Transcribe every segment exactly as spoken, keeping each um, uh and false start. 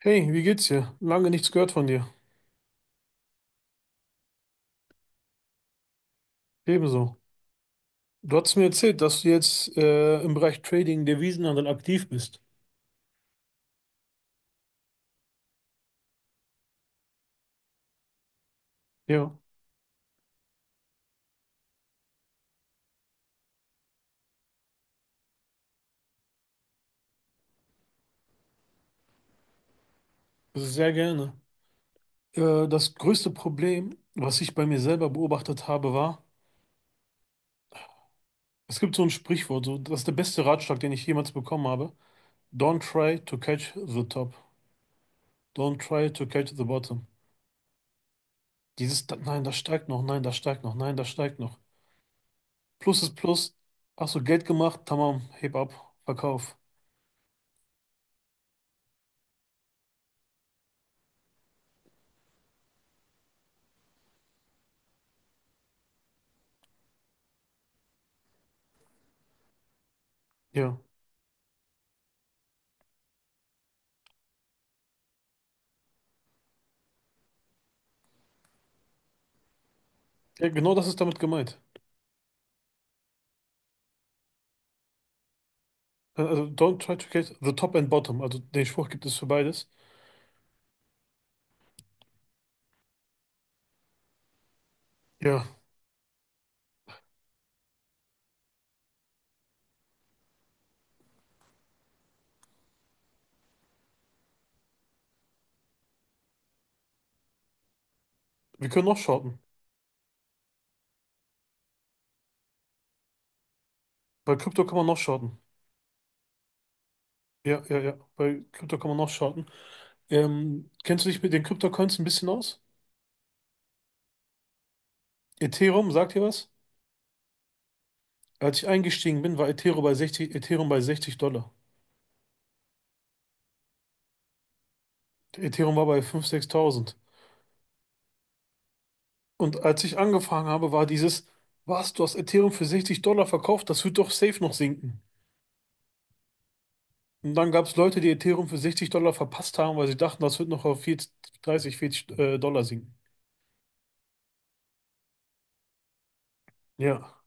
Hey, wie geht's dir? Lange nichts gehört von dir. Ebenso. Du hast mir erzählt, dass du jetzt äh, im Bereich Trading, Devisenhandel aktiv bist. Ja, sehr gerne. Äh, das größte Problem, was ich bei mir selber beobachtet habe, war, es gibt so ein Sprichwort, so, das ist der beste Ratschlag, den ich jemals bekommen habe. Don't try to catch the top. Don't try to catch the bottom. Dieses, da- nein, das steigt noch, nein, das steigt noch, nein, das steigt noch. Plus ist Plus. Hast du Geld gemacht? Tamam, heb ab, verkauf. Ja. Ja, genau das ist damit gemeint. Äh, Also, don't try to catch the top and bottom. Also, den Spruch gibt es für beides. Ja, wir können noch shorten. Bei Krypto kann man noch shorten. Ja, ja, ja. Bei Krypto kann man noch shorten. Ähm, kennst du dich mit den krypto ein bisschen aus? Ethereum, sagt dir was? Als ich eingestiegen bin, war Ethereum bei sechzig, Ethereum bei sechzig Dollar. Ethereum war bei fünftausend, sechstausend. Und als ich angefangen habe, war dieses, was, du hast Ethereum für sechzig Dollar verkauft? Das wird doch safe noch sinken. Und dann gab es Leute, die Ethereum für sechzig Dollar verpasst haben, weil sie dachten, das wird noch auf vierzig, dreißig, vierzig äh, Dollar sinken. Ja,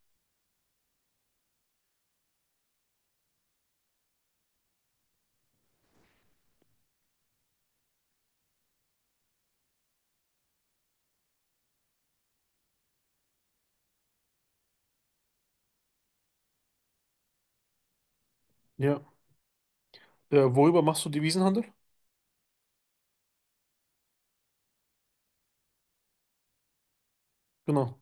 ja. Äh, worüber machst du Devisenhandel? Genau.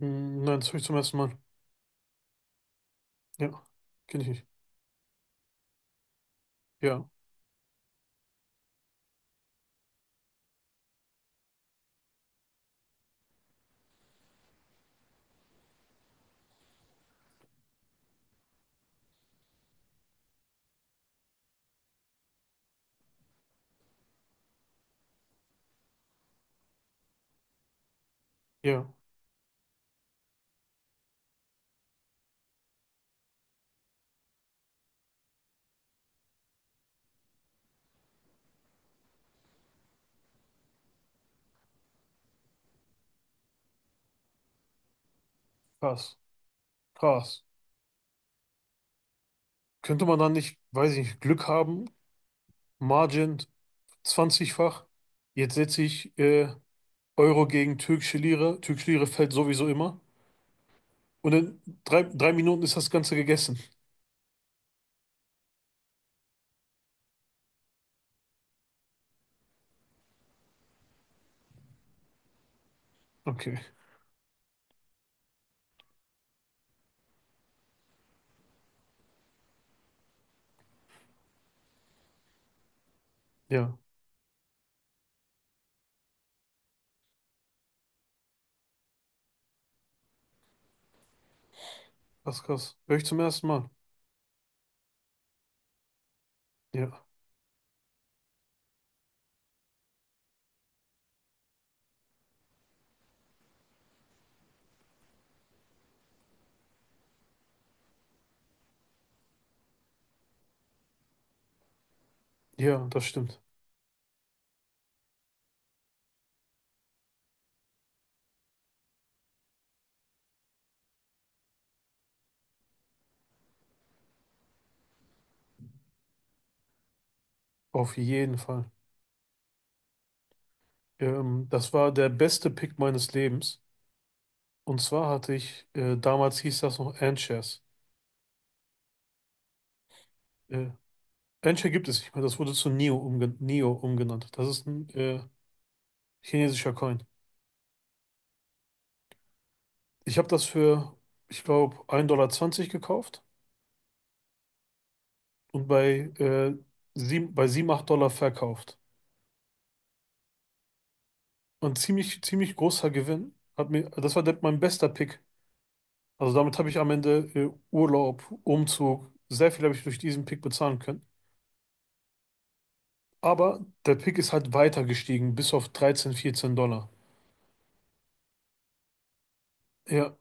Hm, nein, das höre ich zum ersten Mal. Ja, kenne ich nicht. Ja, ja. Krass, krass. Könnte man dann nicht, weiß ich nicht, Glück haben? Margin zwanzig-fach. Jetzt setze ich äh, Euro gegen türkische Lira. Türkische Lira fällt sowieso immer. Und in drei, drei Minuten ist das Ganze gegessen. Okay, ja. Krass, krass. Höre ich zum ersten Mal. Ja. Ja, das stimmt. Auf jeden Fall. Ähm, das war der beste Pick meines Lebens. Und zwar hatte ich, äh, damals hieß das noch Ant-Shares. Äh, Ant-Share gibt es nicht mehr, das wurde zu Neo, umgen Neo umgenannt. Das ist ein äh, chinesischer Coin. Ich habe das für, ich glaube, ein Dollar zwanzig zwanzig gekauft und bei, äh, sieben, bei sieben acht Dollar verkauft. Und ziemlich, ziemlich großer Gewinn. Hat mir, das war der, mein bester Pick. Also damit habe ich am Ende äh, Urlaub, Umzug, sehr viel habe ich durch diesen Pick bezahlen können. Aber der Pick ist halt weiter gestiegen, bis auf dreizehn vierzehn Dollar. Ja,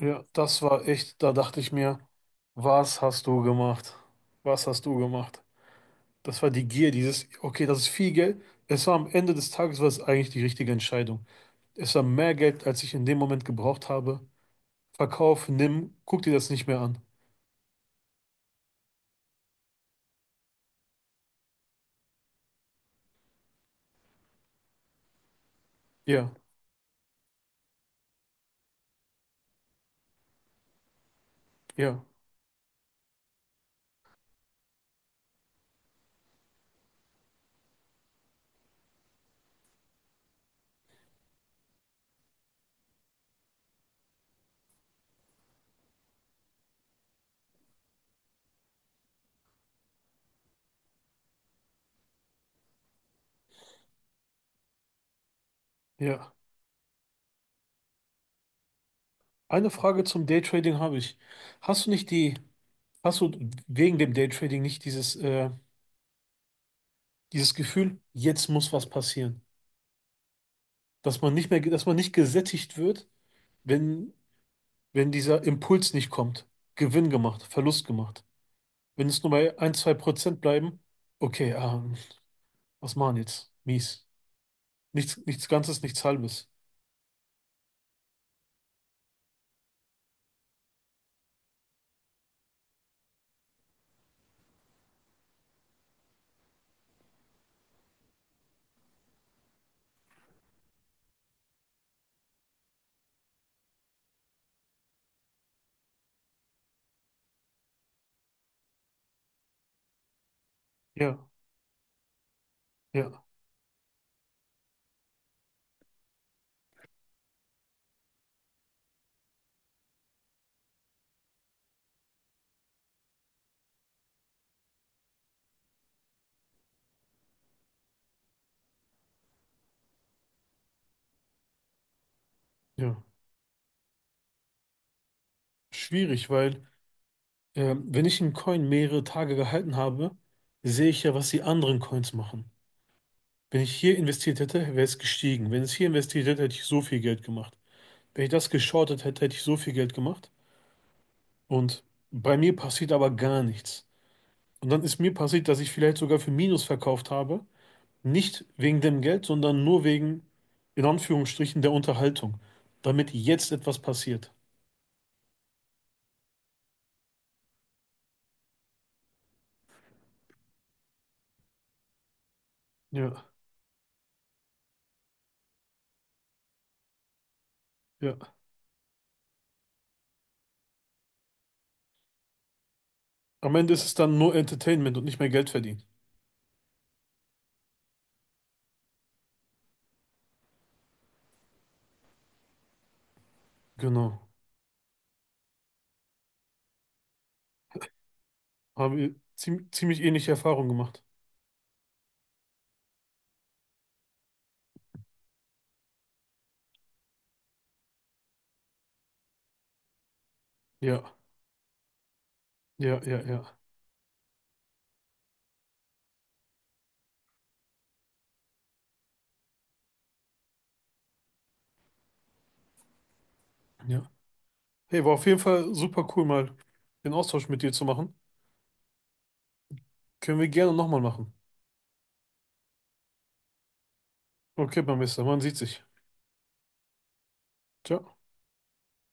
ja, das war echt, da dachte ich mir, was hast du gemacht? Was hast du gemacht? Das war die Gier, dieses, okay, das ist viel Geld. Es war am Ende des Tages, war es eigentlich die richtige Entscheidung. Es war mehr Geld, als ich in dem Moment gebraucht habe. Verkauf, nimm, guck dir das nicht mehr an. Ja, ja, ja. Eine Frage zum Daytrading habe ich. Hast du nicht die, hast du wegen dem Daytrading nicht dieses äh, Dieses Gefühl, jetzt muss was passieren. Dass man nicht mehr, dass man nicht gesättigt wird, wenn, wenn dieser Impuls nicht kommt. Gewinn gemacht, Verlust gemacht. Wenn es nur bei ein zwei Prozent bleiben, okay, ähm, was machen jetzt? Mies. Nichts, nichts Ganzes, nichts Halbes. Ja, ja, ja. Schwierig, weil ähm, wenn ich einen Coin mehrere Tage gehalten habe, sehe ich ja, was die anderen Coins machen. Wenn ich hier investiert hätte, wäre es gestiegen. Wenn es hier investiert hätte, hätte ich so viel Geld gemacht. Wenn ich das geschortet hätte, hätte ich so viel Geld gemacht. Und bei mir passiert aber gar nichts. Und dann ist mir passiert, dass ich vielleicht sogar für Minus verkauft habe. Nicht wegen dem Geld, sondern nur wegen, in Anführungsstrichen, der Unterhaltung. Damit jetzt etwas passiert. Ja, ja. Am Ende ist es dann nur Entertainment und nicht mehr Geld verdienen. Genau. Haben wir ziem- ziemlich ähnliche Erfahrungen gemacht. Ja, ja, ja, ja, ja. Hey, war auf jeden Fall super cool, mal den Austausch mit dir zu machen. Können wir gerne nochmal machen. Okay, Barmester, man sieht sich. Ciao.